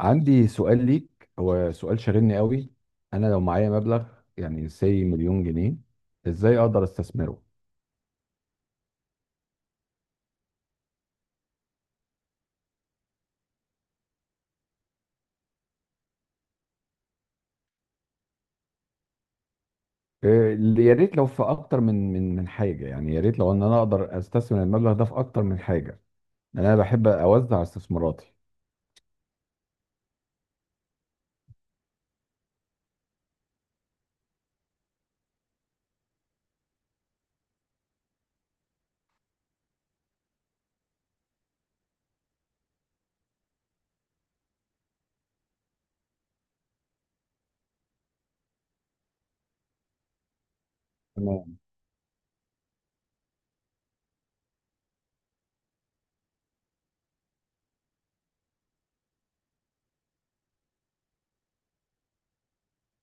عندي سؤال ليك، هو سؤال شاغلني قوي. انا لو معايا مبلغ يعني سي مليون جنيه، ازاي اقدر استثمره؟ إيه، يا ريت لو في اكتر من حاجه، يعني يا ريت لو ان انا اقدر استثمر المبلغ ده في اكتر من حاجه. يعني انا بحب اوزع استثماراتي. تمام.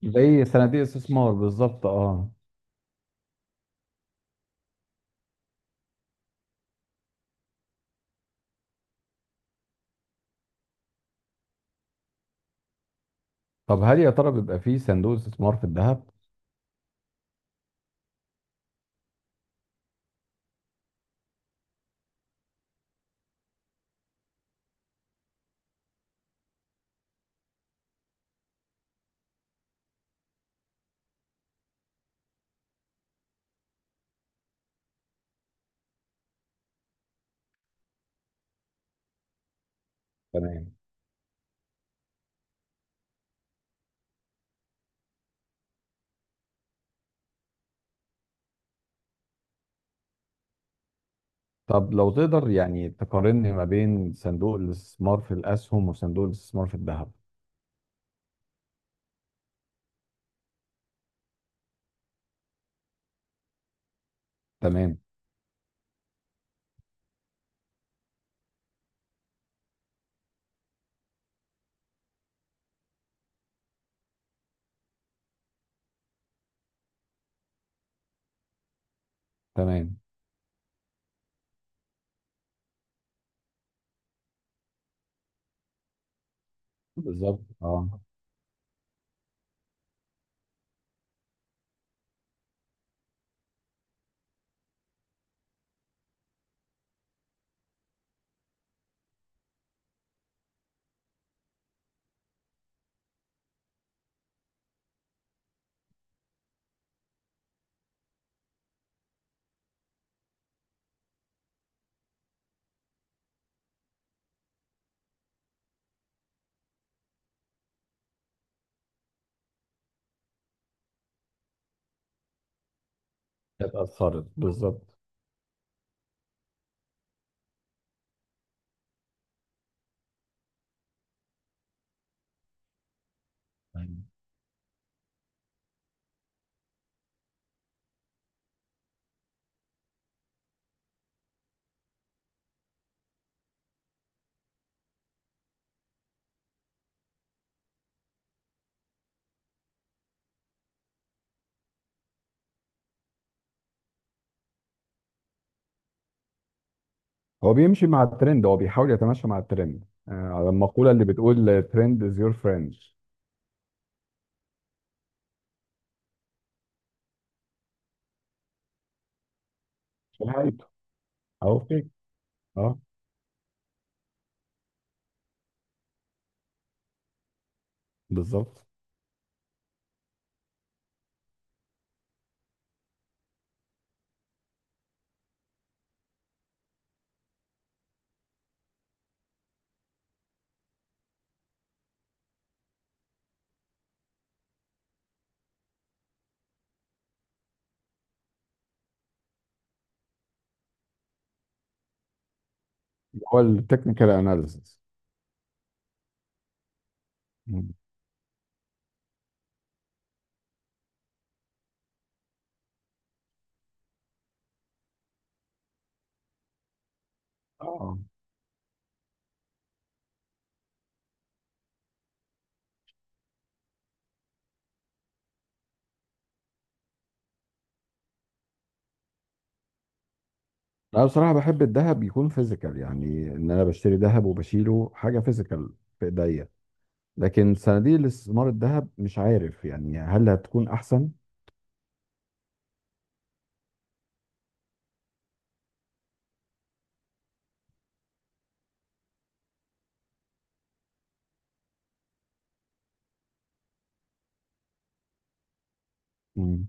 زي صناديق استثمار بالظبط، اه. طب هل يا ترى بيبقى فيه صندوق استثمار في الذهب؟ تمام. طب لو تقدر يعني تقارن ما بين صندوق الاستثمار في الاسهم وصندوق الاستثمار في الذهب. تمام. تمام. بالظبط، اه. كانت اثرت بالظبط. أيوة. هو بيمشي مع الترند، هو بيحاول يتماشى مع الترند، على المقولة اللي بتقول ترند از يور فريند. حقيقته. او فيك. اه. بالظبط. هو التكنيكال اناليسيس. مم. اه. انا بصراحة بحب الذهب يكون فيزيكال، يعني ان انا بشتري ذهب وبشيله حاجة فيزيكال في ايديا. لكن صناديق الاستثمار الذهب مش عارف يعني، هل هتكون احسن؟ مم.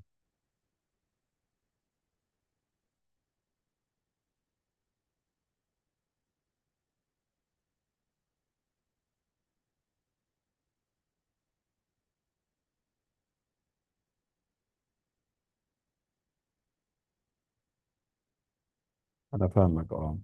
انا فاهمك، اه.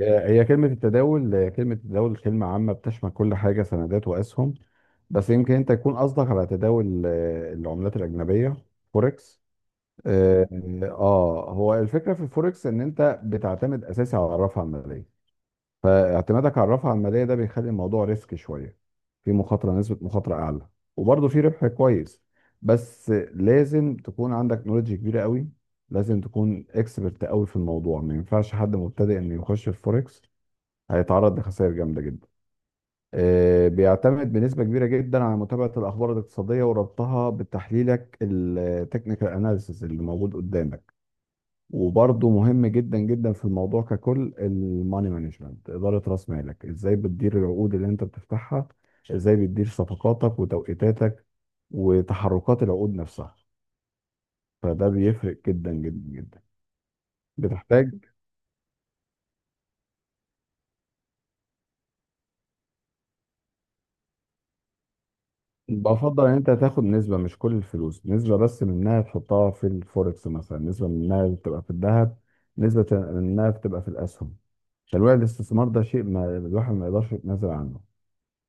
هي كلمة التداول، كلمة التداول كلمة عامة بتشمل كل حاجة، سندات وأسهم. بس يمكن أنت يكون قصدك على تداول العملات الأجنبية، فوركس. آه. هو الفكرة في الفوركس إن أنت بتعتمد أساسي على الرافعة المالية. فاعتمادك على الرافعة المالية ده بيخلي الموضوع ريسك شوية. في مخاطرة، نسبة مخاطرة أعلى، وبرضه في ربح كويس. بس لازم تكون عندك نولج كبيرة قوي. لازم تكون اكسبرت قوي في الموضوع، ما ينفعش حد مبتدئ انه يخش في الفوركس، هيتعرض لخسائر جامدة جدا. بيعتمد بنسبة كبيرة جدا على متابعة الأخبار الاقتصادية وربطها بتحليلك التكنيكال أناليسيس اللي موجود قدامك. وبرضه مهم جدا جدا في الموضوع ككل، الماني مانجمنت، إدارة رأس مالك، إزاي بتدير العقود اللي أنت بتفتحها، إزاي بتدير صفقاتك وتوقيتاتك وتحركات العقود نفسها. فده بيفرق جدا جدا جدا. بتحتاج. بفضل ان انت تاخد نسبة، مش كل الفلوس، نسبة بس منها تحطها في الفوركس مثلا، نسبة منها تبقى في الذهب، نسبة منها تبقى في الاسهم. تنويع الاستثمار ده شيء ما الواحد ما يقدرش يتنازل عنه،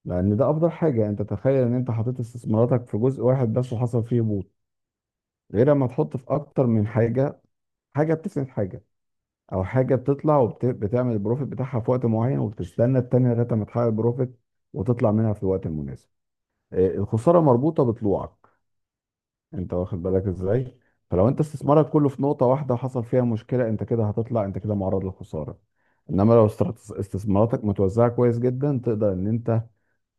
لان ده افضل حاجة. انت تخيل ان انت حطيت استثماراتك في جزء واحد بس وحصل فيه هبوط، غير لما تحط في اكتر من حاجة، حاجة بتسند حاجة، او حاجة بتطلع وبتعمل البروفيت بتاعها في وقت معين، وبتستنى التانية لغاية ما تحقق البروفيت وتطلع منها في الوقت المناسب. الخسارة مربوطة بطلوعك، انت واخد بالك ازاي. فلو انت استثمارك كله في نقطة واحدة وحصل فيها مشكلة، انت كده هتطلع، انت كده معرض للخسارة. انما لو استثماراتك متوزعة كويس جدا، تقدر ان انت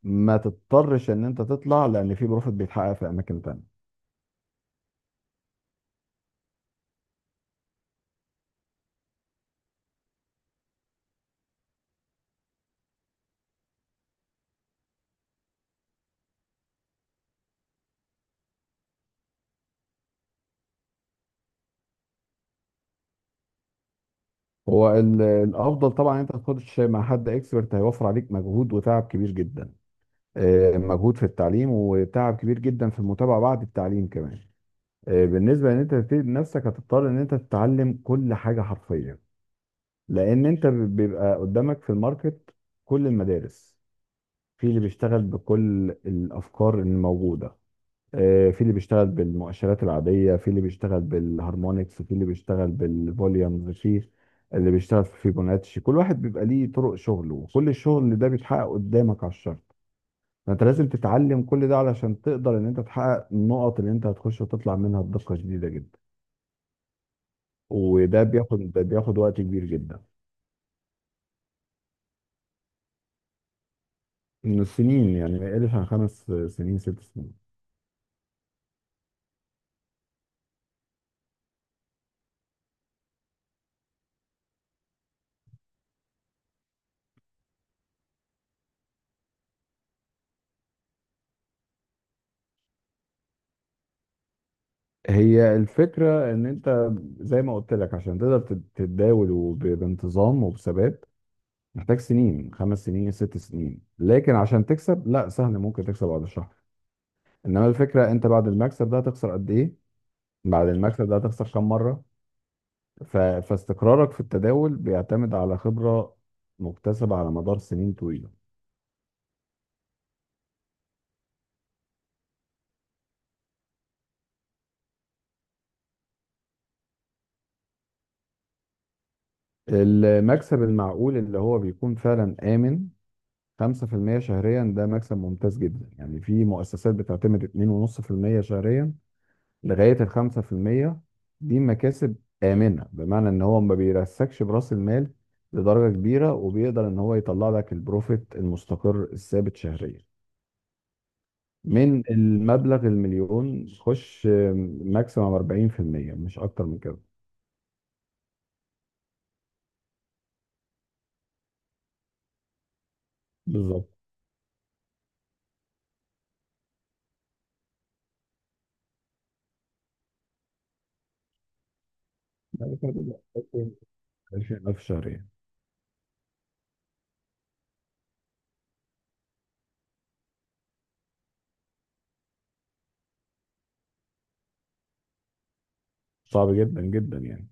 ما تضطرش ان انت تطلع، لان في بروفيت بيتحقق في اماكن تانية. هو الافضل طبعا انت تخش مع حد اكسبرت، هيوفر عليك مجهود وتعب كبير جدا. مجهود في التعليم وتعب كبير جدا في المتابعة بعد التعليم كمان. بالنسبة ان انت تبتدي بنفسك، هتضطر ان انت تتعلم كل حاجة حرفيا. لان انت بيبقى قدامك في الماركت كل المدارس، في اللي بيشتغل بكل الافكار الموجوده. في اللي بيشتغل بالمؤشرات العاديه، في اللي بيشتغل بالهارمونكس، في اللي بيشتغل بالفوليومز، في اللي بيشتغل في فيبوناتشي. كل واحد بيبقى ليه طرق شغله، وكل الشغل ده بيتحقق قدامك على الشرط. فانت لازم تتعلم كل ده علشان تقدر ان انت تحقق النقط اللي انت هتخش وتطلع منها بدقه شديده جدا. وده بياخد وقت كبير جدا. من السنين، يعني بقالي عن 5 سنين 6 سنين. هي الفكرة ان انت، زي ما قلت لك، عشان تقدر تتداول بانتظام وبثبات، محتاج سنين، 5 سنين 6 سنين. لكن عشان تكسب، لا، سهل، ممكن تكسب بعد شهر. انما الفكرة، انت بعد المكسب ده هتخسر قد ايه، بعد المكسب ده هتخسر كم مرة. فاستقرارك في التداول بيعتمد على خبرة مكتسبة على مدار سنين طويلة. المكسب المعقول اللي هو بيكون فعلا آمن، 5% شهريا، ده مكسب ممتاز جدا. يعني في مؤسسات بتعتمد 2.5% شهريا لغاية ال 5%. دي مكاسب آمنة، بمعنى إن هو ما بيرسكش برأس المال لدرجة كبيرة، وبيقدر إن هو يطلع لك البروفيت المستقر الثابت شهريا. من المبلغ المليون، خش ماكسيمم 40%، مش أكتر من كده. بالظبط. يعني كده، 20000 شهريا. صعب جدا جدا يعني.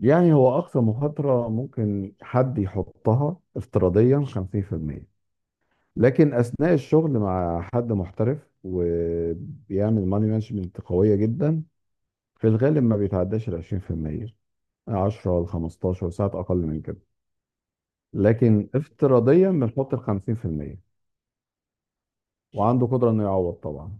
يعني هو أقصى مخاطرة ممكن حد يحطها افتراضيا 50%. لكن أثناء الشغل مع حد محترف وبيعمل ماني مانجمنت قوية جدا، في الغالب ما بيتعداش ال 20%، 10 ل 15 ساعات أقل من كده. لكن افتراضيا بنحط ال 50%. وعنده قدرة إنه يعوض طبعا.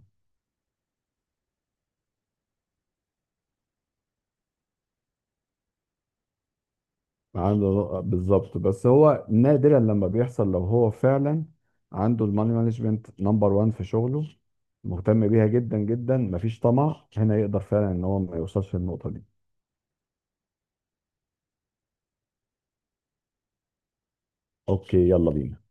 عنده بالظبط. بس هو نادرا لما بيحصل، لو هو فعلا عنده الماني مانجمنت نمبر وان في شغله، مهتم بيها جدا جدا، مفيش طمع، هنا يقدر فعلا ان هو ما يوصلش للنقطة دي. اوكي، يلا بينا.